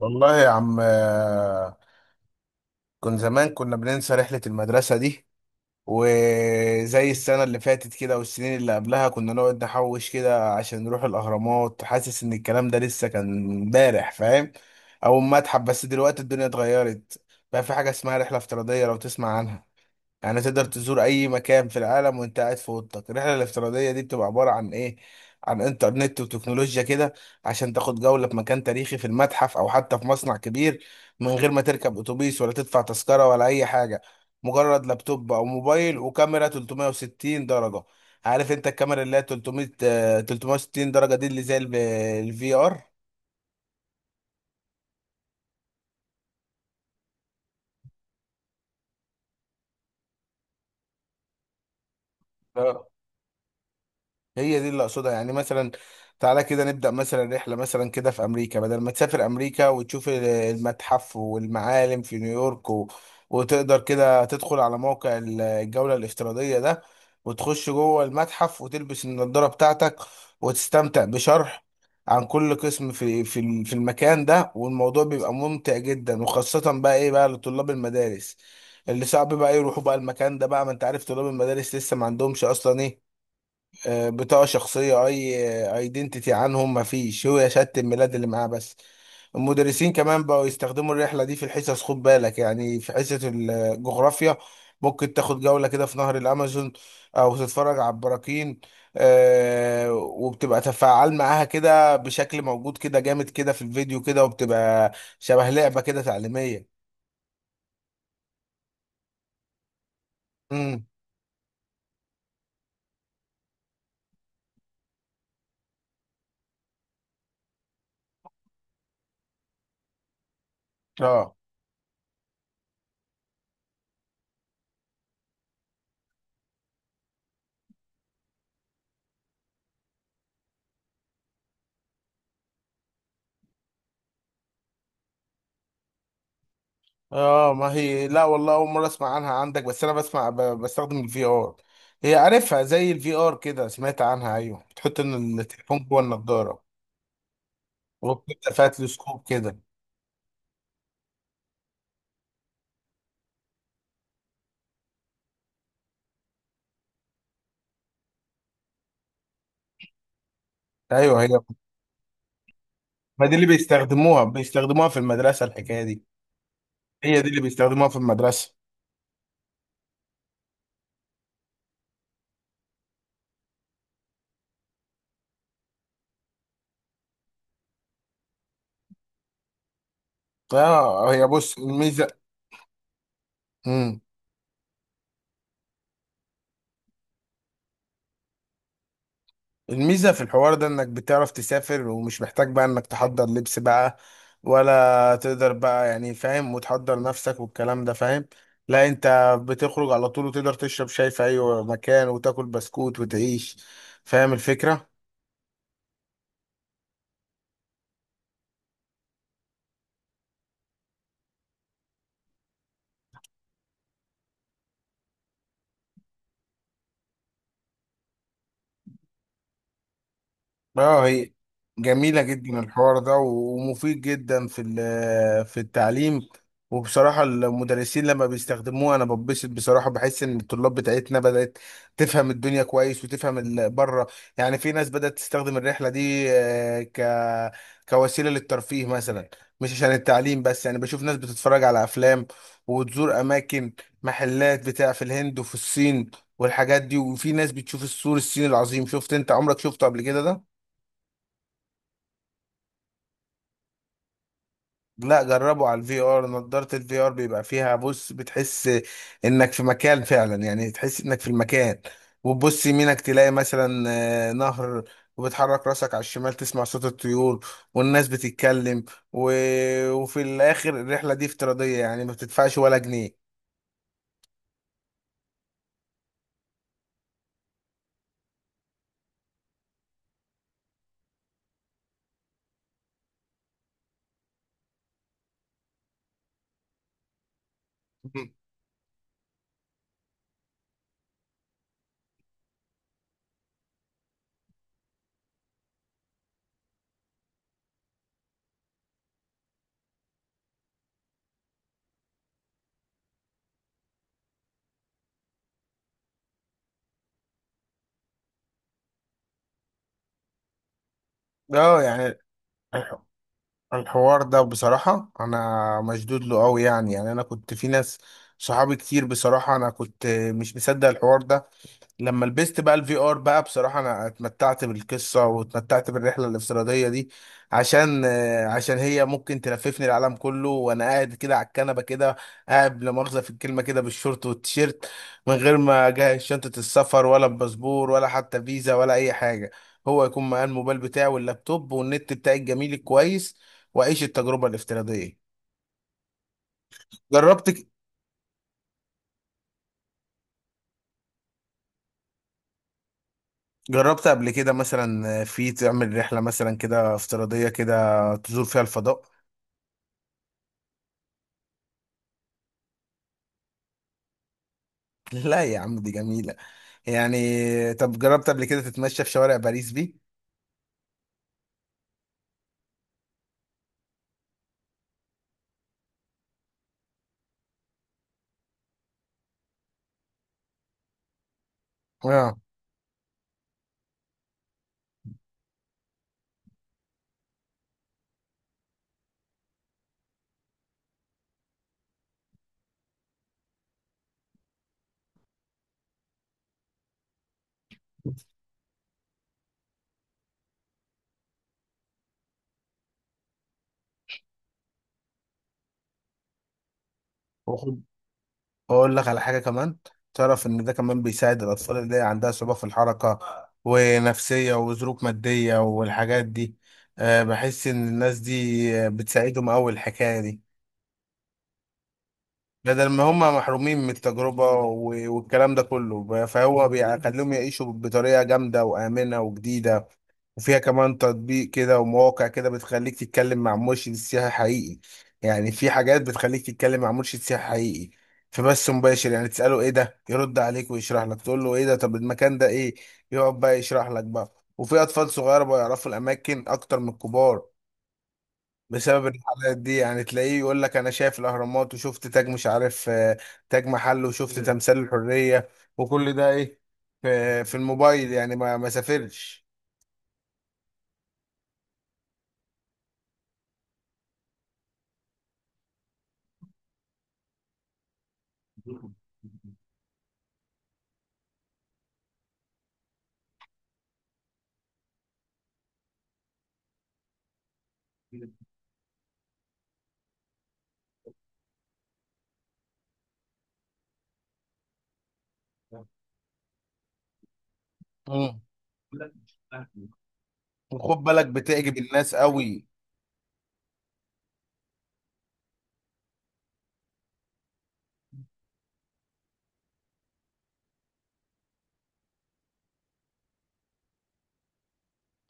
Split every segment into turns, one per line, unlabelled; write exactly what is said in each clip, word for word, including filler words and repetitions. والله يا عم آه، كنت زمان كنا بننسى رحلة المدرسة دي، وزي السنة اللي فاتت كده والسنين اللي قبلها كنا نقعد نحوش كده عشان نروح الأهرامات، حاسس إن الكلام ده لسه كان امبارح فاهم، أو المتحف. بس دلوقتي الدنيا اتغيرت، بقى في حاجة اسمها رحلة افتراضية، لو تسمع عنها يعني تقدر تزور اي مكان في العالم وانت قاعد في اوضتك. الرحله الافتراضيه دي بتبقى عباره عن ايه؟ عن انترنت وتكنولوجيا كده، عشان تاخد جوله في مكان تاريخي في المتحف او حتى في مصنع كبير، من غير ما تركب اتوبيس ولا تدفع تذكره ولا اي حاجه. مجرد لابتوب او موبايل وكاميرا ثلاثمية وستين درجه. عارف انت الكاميرا اللي هي ثلاثمية آه، ثلاثمية وستين درجه دي اللي زي الفي ار، هي دي اللي اقصدها. يعني مثلا تعالى كده نبدأ مثلا رحلة مثلا كده في أمريكا، بدل ما تسافر أمريكا وتشوف ال- المتحف والمعالم في نيويورك و... وتقدر كده تدخل على موقع ال- الجولة الافتراضية ده، وتخش جوه المتحف وتلبس النضارة بتاعتك، وتستمتع بشرح عن كل قسم في في ال- في المكان ده. والموضوع بيبقى ممتع جدا، وخاصة بقى ايه بقى لطلاب المدارس اللي صعب بقى يروحوا بقى المكان ده بقى. ما انت عارف طلاب المدارس لسه ما عندهمش اصلا ايه؟ آه، بطاقة شخصية، أي ايدنتيتي عنهم مفيش، هو شهادة الميلاد اللي معاه بس. المدرسين كمان بقوا يستخدموا الرحلة دي في الحصص، خد بالك يعني في حصة الجغرافيا ممكن تاخد جولة كده في نهر الأمازون، أو تتفرج على البراكين، آه، وبتبقى تفاعل معاها كده بشكل موجود كده جامد كده في الفيديو كده، وبتبقى شبه لعبة كده تعليمية. امم اه، اه ما هي لا والله اول مره اسمع عنها عندك. بس انا بسمع ب... بستخدم الفي ار، هي عارفها زي الفي ار كده، سمعت عنها. ايوه، بتحط إن التليفون جوه النضاره، وبتبقى فيها تلسكوب كده. ايوه هي، ما دي اللي بيستخدموها بيستخدموها في المدرسه، الحكايه دي، هي دي اللي بيستخدموها في المدرسه. اه هي، بص الميزه، مم. الميزة في الحوار ده انك بتعرف تسافر، ومش محتاج بقى انك تحضر لبس بقى، ولا تقدر بقى يعني فاهم، وتحضر نفسك والكلام ده فاهم. لا انت بتخرج على طول، وتقدر تشرب شاي في اي مكان وتاكل بسكوت وتعيش، فاهم الفكرة. اه هي جميلة جدا الحوار ده و- ومفيد جدا في ال- في التعليم. وبصراحة المدرسين لما بيستخدموها أنا ببسط بصراحة، بحس إن الطلاب بتاعتنا بدأت تفهم الدنيا كويس، وتفهم ال- بره. يعني في ناس بدأت تستخدم الرحلة دي آه، ك كوسيلة للترفيه مثلا، مش عشان التعليم بس، يعني بشوف ناس بتتفرج على أفلام وتزور أماكن، محلات بتاع في الهند وفي الصين والحاجات دي. وفي ناس بتشوف السور الصيني العظيم، شفت أنت عمرك شفته قبل كده ده؟ لا، جربوا على الفي ار، نضارة الفي ار بيبقى فيها بص بتحس انك في مكان فعلا، يعني تحس انك في المكان، وتبص يمينك تلاقي مثلا آه، نهر، وبتحرك راسك على الشمال تسمع صوت الطيور والناس بتتكلم و... وفي الاخر الرحلة دي افتراضية يعني ما بتدفعش ولا جنيه. اه يعني الح- الحوار ده بصراحة أنا مشدود له أوي، يعني يعني أنا كنت في ناس صحابي كتير بصراحة، أنا كنت مش مصدق الحوار ده، لما لبست بقى الفي ار بقى بصراحة انا اتمتعت بالقصة، واتمتعت بالرحلة الافتراضية دي، عشان آه، عشان هي ممكن تلففني العالم كله وانا قاعد كده على الكنبة كده، قاعد لا مؤاخذة في الكلمة كده بالشورت والتيشيرت، من غير ما اجهز شنطة السفر ولا الباسبور ولا حتى فيزا ولا اي حاجة. هو يكون معاه الموبايل بتاعي واللابتوب والنت بتاعي الجميل الكويس، واعيش التجربة الافتراضية. جربت، جربت قبل كده مثلا في تعمل رحلة مثلا كده افتراضية كده تزور فيها الفضاء؟ لا يا عم دي جميلة يعني. طب جربت قبل كده تتمشى في شوارع باريس دي؟ اه وخد، اقول لك على حاجة كمان، تعرف ان ده كمان بيساعد الاطفال اللي عندها صعوبة في الحركة ونفسية وظروف مادية والحاجات دي. أه بحس ان الناس دي بتساعدهم اوي الحكاية دي، بدل ما هم محرومين من التجربة و- والكلام ده كله ب- فهو بيخليهم يعيشوا بطريقة جامدة وآمنة وجديدة. وفيها كمان تطبيق كده ومواقع كده بتخليك تتكلم مع مرشد سياحي حقيقي، يعني في حاجات بتخليك تتكلم مع مرشد سياحي حقيقي في بث مباشر، يعني تسأله ايه ده يرد عليك ويشرح لك، تقول له ايه ده طب المكان ده ايه يقعد بقى يشرح لك بقى. وفي اطفال صغيره بقى يعرفوا الاماكن اكتر من الكبار بسبب الحلقات دي، يعني تلاقيه يقول لك انا شايف الاهرامات، وشفت تاج مش عارف آه، تاج محل، وشفت مم. تمثال الحرية، وكل ده ايه في في الموبايل يعني، ما ما سافرش. مم. وخد بالك بتعجب الناس قوي.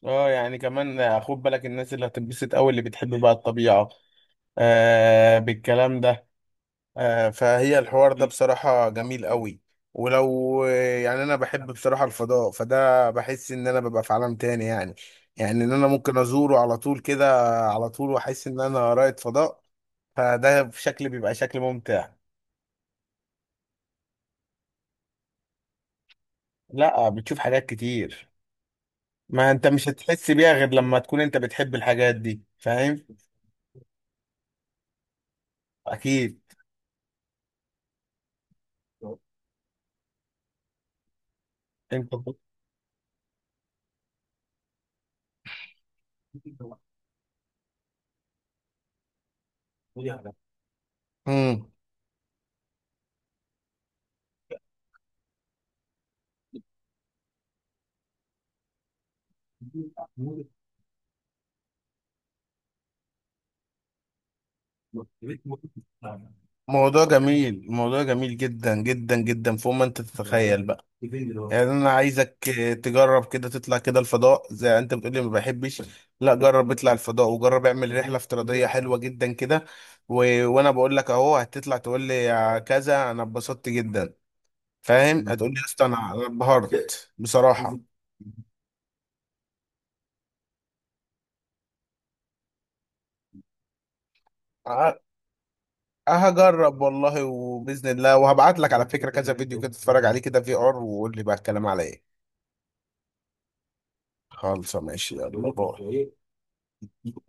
اه يعني كمان خد بالك الناس اللي هتنبسط قوي، اللي بتحب بقى الطبيعة آه بالكلام ده. آه، فهي الحوار ده بصراحة جميل قوي، ولو يعني أنا بحب بصراحة الفضاء فده بحس إن أنا ببقى في عالم تاني يعني، يعني إن أنا ممكن أزوره على طول كده، على طول، وأحس إن أنا رائد فضاء، فده في شكل بيبقى شكل ممتع. لا بتشوف حاجات كتير، ما أنت مش هتحس بيها غير لما تكون أنت بتحب الحاجات دي، فاهم. أكيد. أنت مم. موضوع جميل، موضوع جميل جدا جدا جدا فوق ما انت تتخيل بقى. يعني انا عايزك آه، تجرب كده تطلع كده الفضاء، زي انت بتقولي ما بحبش، لا جرب اطلع الفضاء، وجرب اعمل رحله افتراضيه حلوه جدا كده و... وانا بقول لك اهو هتطلع تقول لي يا كذا انا اتبسطت جدا، فاهم، هتقول لي يا اسطى انا أنا اتبهرت بصراحه. ه- هجرب والله، وباذن الله وهبعت لك على فكره كذا فيديو كده تتفرج عليه كده في ار، وقول لي بقى الكلام على ايه. خالص ماشي، يلا باي.